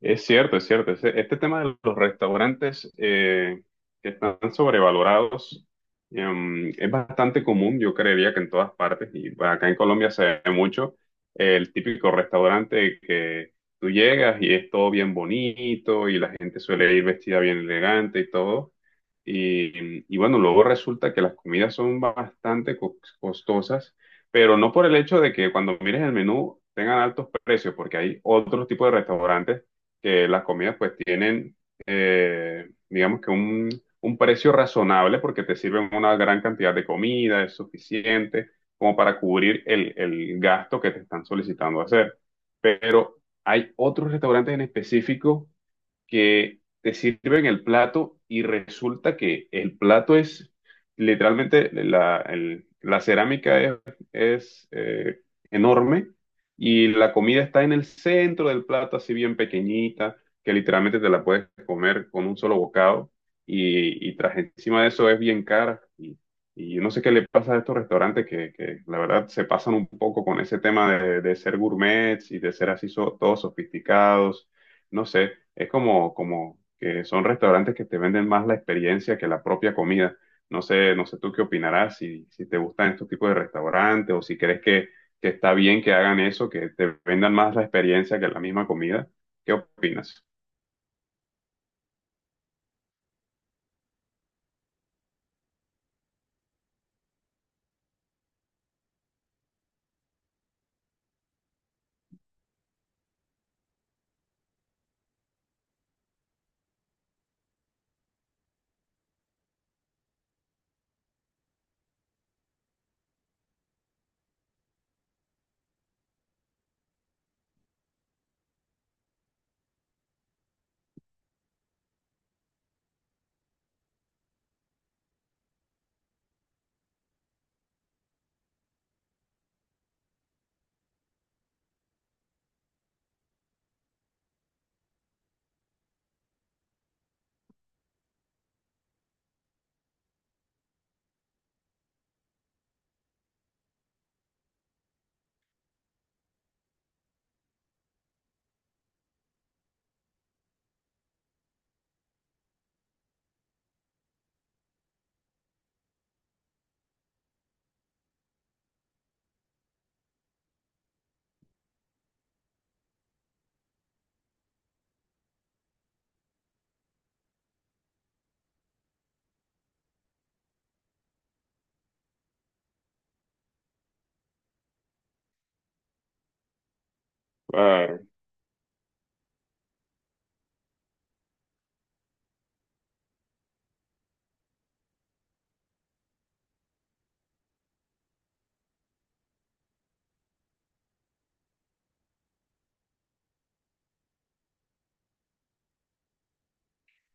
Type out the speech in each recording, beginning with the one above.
Es cierto, es cierto. Tema de los restaurantes que están sobrevalorados, es bastante común, yo creería que en todas partes, y bueno, acá en Colombia se ve mucho, el típico restaurante que tú llegas y es todo bien bonito y la gente suele ir vestida bien elegante y todo, y bueno, luego resulta que las comidas son bastante costosas, pero no por el hecho de que cuando mires el menú tengan altos precios, porque hay otros tipos de restaurantes que las comidas pues tienen, digamos que un precio razonable porque te sirven una gran cantidad de comida, es suficiente como para cubrir el gasto que te están solicitando hacer. Pero hay otros restaurantes en específico que te sirven el plato y resulta que el plato es literalmente la cerámica es enorme y la comida está en el centro del plato, así bien pequeñita, que literalmente te la puedes comer con un solo bocado y tras encima de eso es bien cara. Y yo no sé qué le pasa a estos restaurantes que la verdad se pasan un poco con ese tema de ser gourmets y de ser así todos sofisticados. No sé, es como, como que son restaurantes que te venden más la experiencia que la propia comida. No sé, no sé tú qué opinarás, si te gustan estos tipos de restaurantes o si crees que está bien que hagan eso, que te vendan más la experiencia que la misma comida. ¿Qué opinas?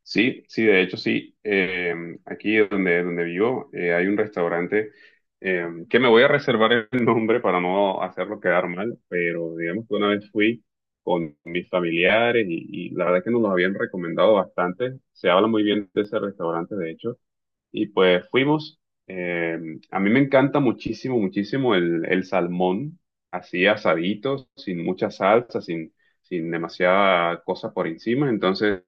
Sí, sí, de hecho sí. Aquí donde vivo hay un restaurante que me voy a reservar el nombre para no hacerlo quedar mal, pero digamos que una vez fui con mis familiares y la verdad es que nos lo habían recomendado bastante. Se habla muy bien de ese restaurante, de hecho. Y pues fuimos. Eh, a mí me encanta muchísimo, muchísimo el salmón, así asadito, sin mucha salsa, sin demasiada cosa por encima. Entonces,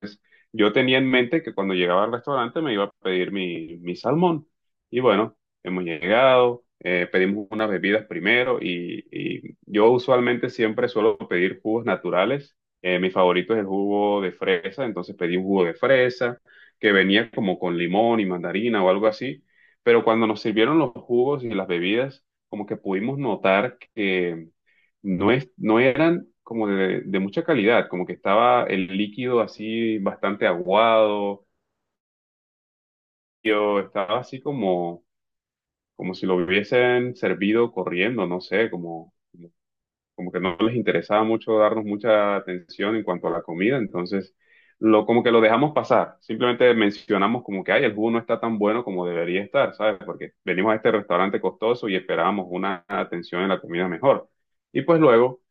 yo tenía en mente que cuando llegaba al restaurante me iba a pedir mi salmón. Y bueno, hemos llegado, pedimos unas bebidas primero y yo usualmente siempre suelo pedir jugos naturales. Mi favorito es el jugo de fresa, entonces pedí un jugo de fresa que venía como con limón y mandarina o algo así, pero cuando nos sirvieron los jugos y las bebidas, como que pudimos notar que no eran como de mucha calidad, como que estaba el líquido así bastante aguado, yo estaba así como, como si lo hubiesen servido corriendo, no sé, como que no les interesaba mucho darnos mucha atención en cuanto a la comida, entonces como que lo dejamos pasar, simplemente mencionamos como que, ay, el jugo no está tan bueno como debería estar, ¿sabes? Porque venimos a este restaurante costoso y esperábamos una atención en la comida mejor. Y pues luego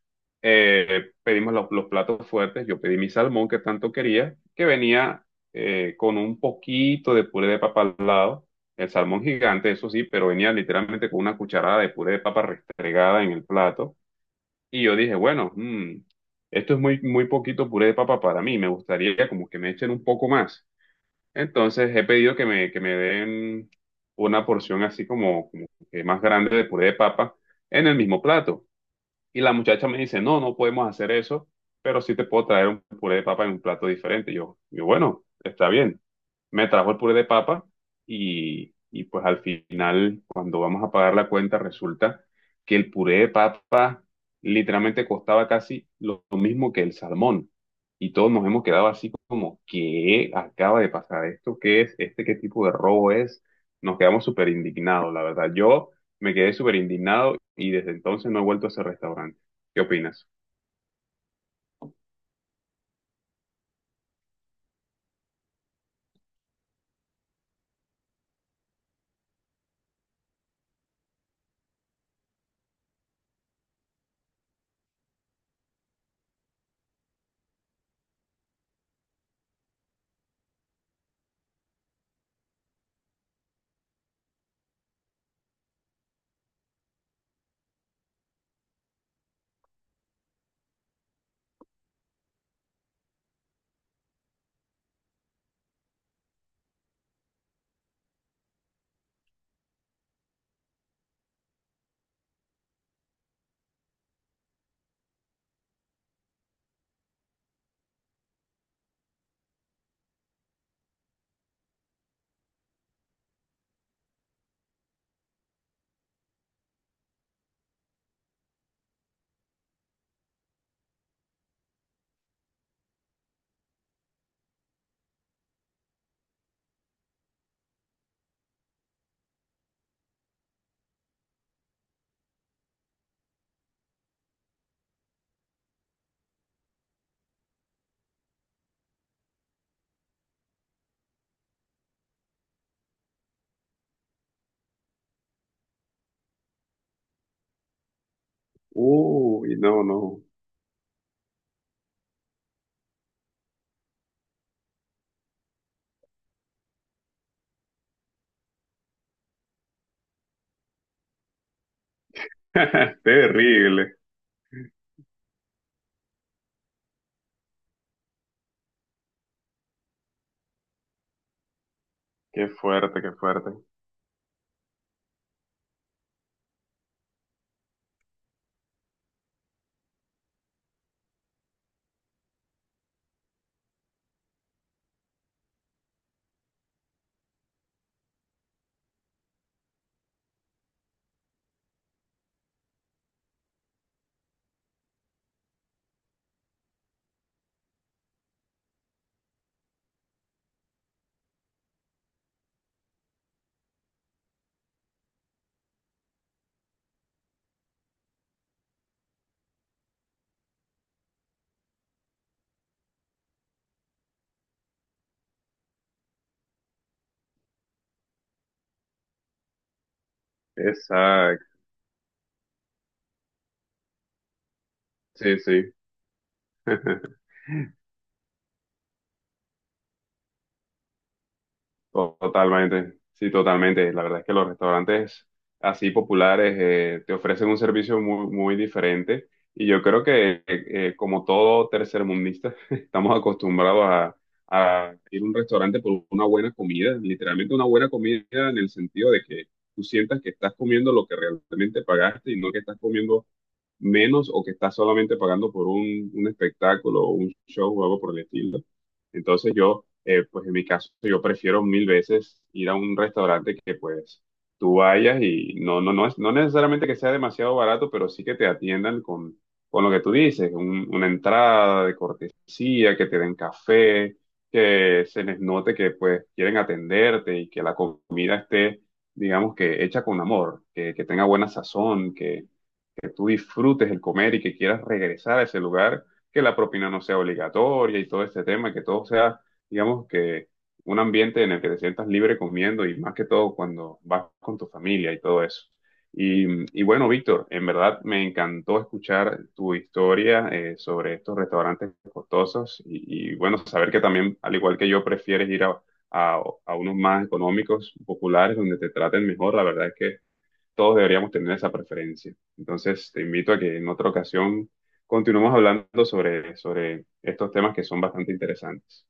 pedimos los platos fuertes, yo pedí mi salmón que tanto quería, que venía con un poquito de puré de papa al lado. El salmón gigante, eso sí, pero venía literalmente con una cucharada de puré de papa restregada en el plato y yo dije, bueno, esto es muy, muy poquito puré de papa para mí, me gustaría como que me echen un poco más. Entonces he pedido que que me den una porción así como, como que más grande de puré de papa en el mismo plato. Y la muchacha me dice, no, no podemos hacer eso, pero sí te puedo traer un puré de papa en un plato diferente. Bueno, está bien. Me trajo el puré de papa y pues al final, cuando vamos a pagar la cuenta, resulta que el puré de papa literalmente costaba casi lo mismo que el salmón. Y todos nos hemos quedado así como, ¿qué acaba de pasar? ¿Esto qué es? ¿Este qué tipo de robo es? Nos quedamos súper indignados, la verdad. Yo... Me quedé súper indignado y desde entonces no he vuelto a ese restaurante. ¿Qué opinas? Uy, no, no. Terrible. Qué fuerte, qué fuerte. Exacto. Sí, sí. Totalmente, sí, totalmente. La verdad es que los restaurantes así populares te ofrecen un servicio muy, muy diferente y yo creo que como todo tercermundista estamos acostumbrados a ir a un restaurante por una buena comida, literalmente una buena comida en el sentido de que tú sientas que estás comiendo lo que realmente pagaste y no que estás comiendo menos o que estás solamente pagando por un espectáculo o un show o algo por el estilo. Entonces yo, pues en mi caso, yo prefiero mil veces ir a un restaurante que pues tú vayas y no, no, no, es, no necesariamente que sea demasiado barato, pero sí que te atiendan con lo que tú dices, una entrada de cortesía, que te den café, que se les note que pues quieren atenderte y que la comida esté, digamos que hecha con amor, que tenga buena sazón, que tú disfrutes el comer y que quieras regresar a ese lugar, que la propina no sea obligatoria y todo este tema, que todo sea, digamos, que un ambiente en el que te sientas libre comiendo y más que todo cuando vas con tu familia y todo eso. Y, y bueno, Víctor, en verdad me encantó escuchar tu historia sobre estos restaurantes costosos bueno, saber que también, al igual que yo, prefieres ir a unos más económicos, populares, donde te traten mejor. La verdad es que todos deberíamos tener esa preferencia. Entonces, te invito a que en otra ocasión continuemos hablando sobre estos temas que son bastante interesantes.